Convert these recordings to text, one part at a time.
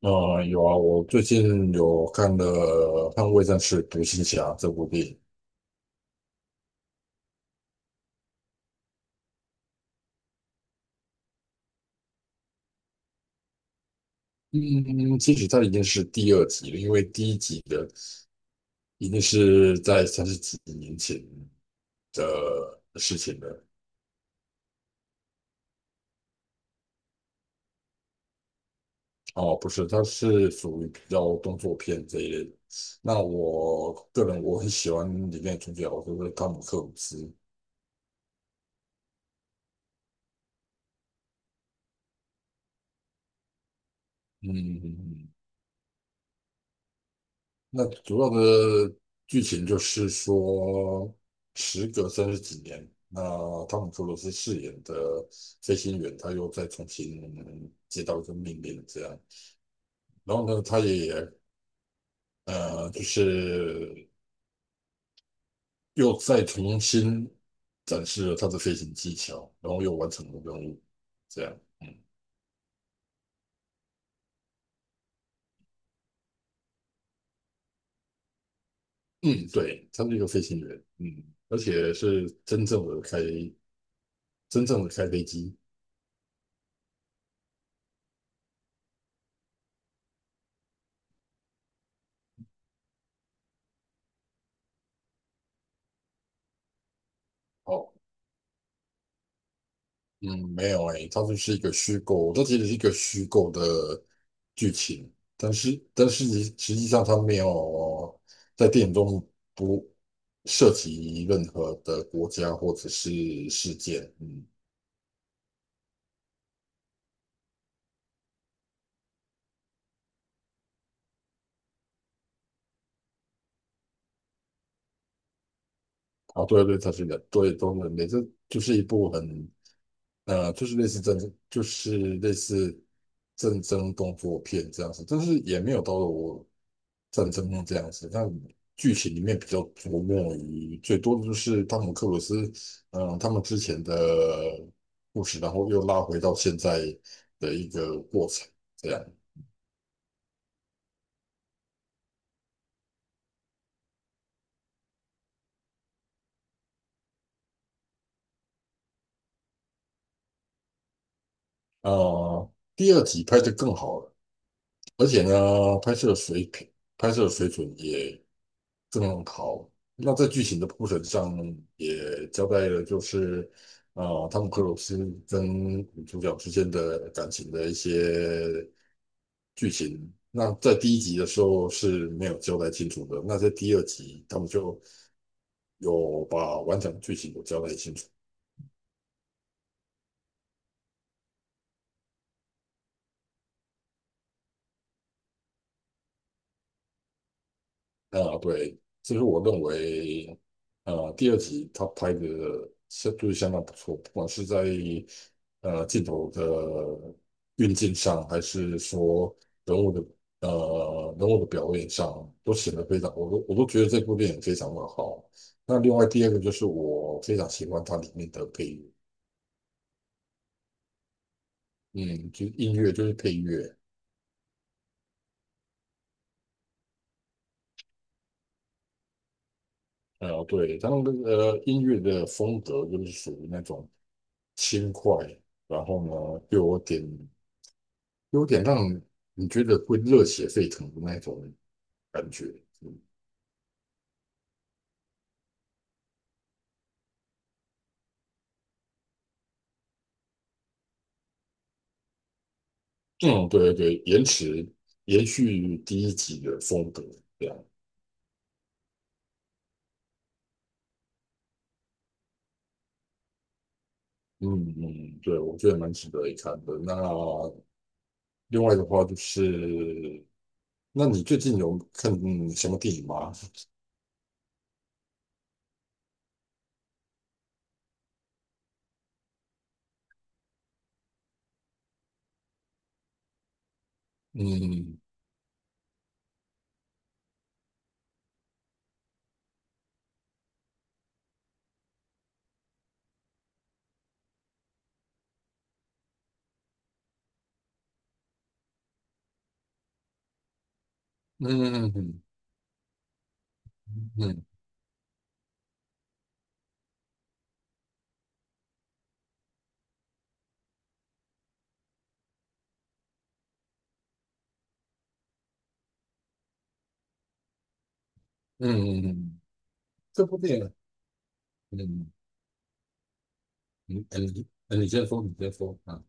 有啊，我最近有看了《捍卫战士：独行侠》这部电影。嗯，嗯,其实它已经是第二集了，因为第一集的已经是在三十几年前的事情了。哦，不是，它是属于比较动作片这一类的。那我个人很喜欢里面的主角，就是汤姆克鲁斯。嗯，嗯嗯那主要的剧情就是说，时隔三十几年，那汤姆·克鲁斯饰演的飞行员，他又再重新接到一个命令，这样。然后呢，他也就是又再重新展示了他的飞行技巧，然后又完成了任务，这样。嗯，对，他是一个飞行员，嗯，而且是真正的开飞机。哦。嗯，没有诶、它就是一个虚构，它其实是一个虚构的剧情，但是实实际上它没有在电影中不涉及任何的国家或者是事件，嗯，啊，对对，它是人，对，都人类，这就是一部很就是类似战争，就是类似战争动作片这样子，但是也没有到了我战争片这样子。但剧情里面比较琢磨于最多的就是汤姆克鲁斯，嗯，他们之前的故事，然后又拉回到现在的一个过程这样。呃，第二集拍得更好了。而且呢，拍摄水平、拍摄水准也更好。那在剧情的铺陈上也交代了，就是汤姆克鲁斯跟女主角之间的感情的一些剧情。那在第一集的时候是没有交代清楚的，那在第二集他们就有把完整的剧情有交代清楚。啊，对，这是我认为，第二集他拍的相当不错，不管是在镜头的运镜上，还是说人物的人物的表演上，都显得非常，我都觉得这部电影非常的好。那另外第二个就是我非常喜欢它里面的配乐，嗯，就是音乐就是配乐，对，它那个音乐的风格就是属于那种轻快。然后呢，又有点让你觉得会热血沸腾的那种感觉。嗯，嗯对对对，延续第一集的风格，这样，嗯嗯，对，我觉得蛮值得一看的。那另外的话就是，那你最近有看什么电影吗？嗯嗯嗯嗯嗯嗯，嗯，这部电影，嗯嗯，哎你先说，你先说啊。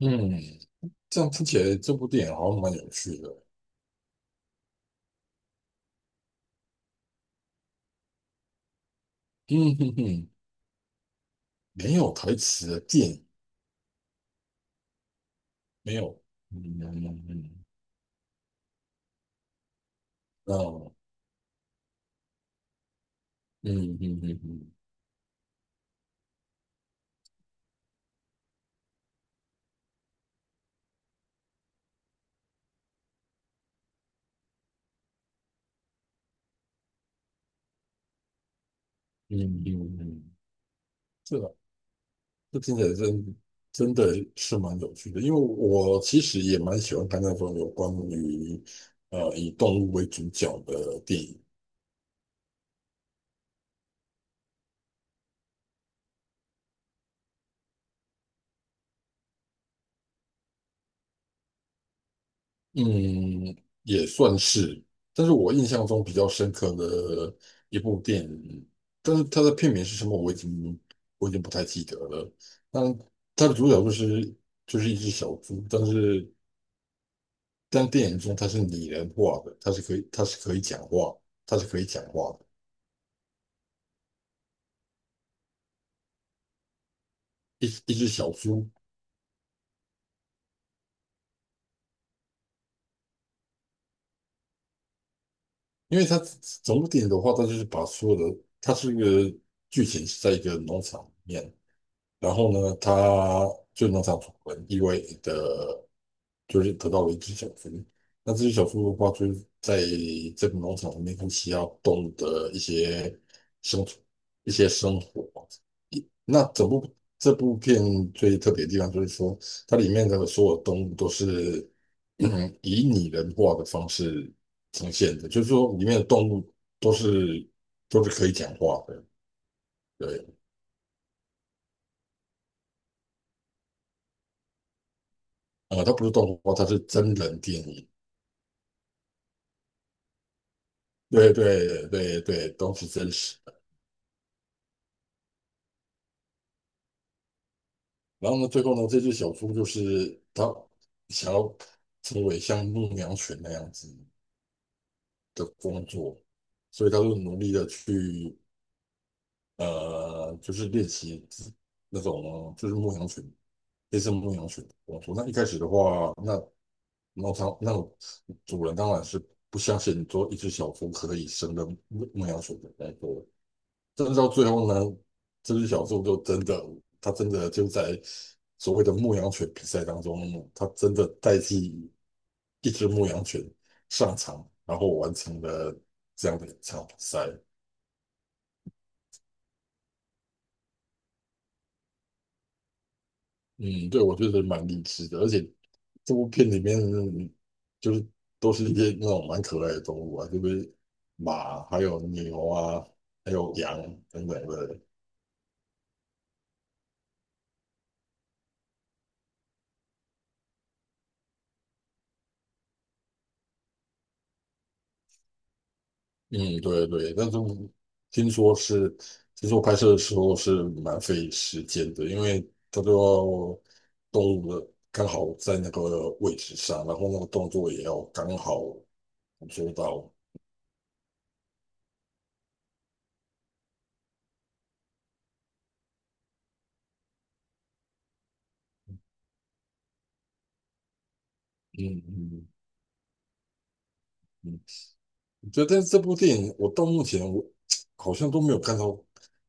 嗯，这样听起来这部电影好像蛮有趣的。嗯哼哼，没有台词的电影，没有。嗯嗯嗯，嗯哦，嗯嗯嗯嗯嗯嗯嗯，这个这听起来真的是蛮有趣的，因为我其实也蛮喜欢看那种有关于以动物为主角的电影。嗯，也算是，但是我印象中比较深刻的一部电影，但是它的片名是什么，我已经不太记得了。但它的主角就是一只小猪，但是但电影中它是拟人化的，它是可以讲话，它是可以讲话的，一只小猪。因为它整部电影的话，它就是把所有的，它是一个剧情是在一个农场里面，然后呢，它就农场主人意外的。就是得到了一只小猪。那这只小猪的话，就是在这个农场里面会需要动物的一些生存、一些生活。那整部这部片最特别的地方就是说，它里面的所有动物都是嗯以拟人化的方式呈现的，就是说里面的动物都是都是可以讲话的，对，它不是动画，它是真人电影，对对对对，都是真实。然后呢，最后呢，这只小猪就是它想要成为像牧羊犬那样子的工作，所以它就努力的去就是练习那种就是牧羊犬，类似牧羊犬的工作。那一开始的话，那猫场那主人当然是不相信说一只小猪可以胜任牧羊犬的工作，但是到最后呢，这只小猪就真的，它真的就在所谓的牧羊犬比赛当中，它真的代替一只牧羊犬上场，然后完成了这样的一场比赛。嗯，对，我觉得蛮励志的，而且这部片里面就是都是一些那种蛮可爱的动物啊，就是马，还有牛啊，还有羊等等的。嗯，对对，但是听说是，听说拍摄的时候是蛮费时间的，因为他都要动物的刚好在那个位置上，然后那个动作也要刚好捕捉到。嗯嗯嗯，觉得这部电影我到目前我 好像都没有看到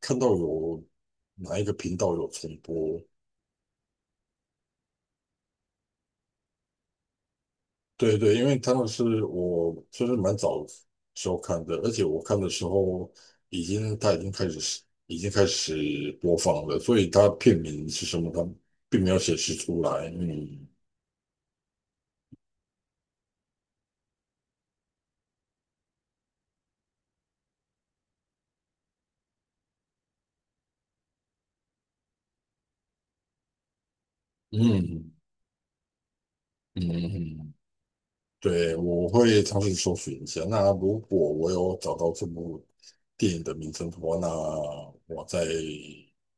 有哪一个频道有重播，对对，因为他们是我就是蛮早时候看的，而且我看的时候已经他已经开始播放了，所以他片名是什么，他并没有显示出来。嗯嗯嗯，嗯对，我会尝试搜寻一下。那如果我有找到这部电影的名称的话，那我再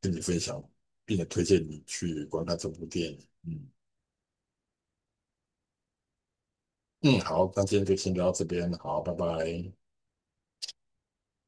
跟你分享，并且推荐你去观看这部电影。嗯嗯，好，那今天就先聊到这边，好，拜拜。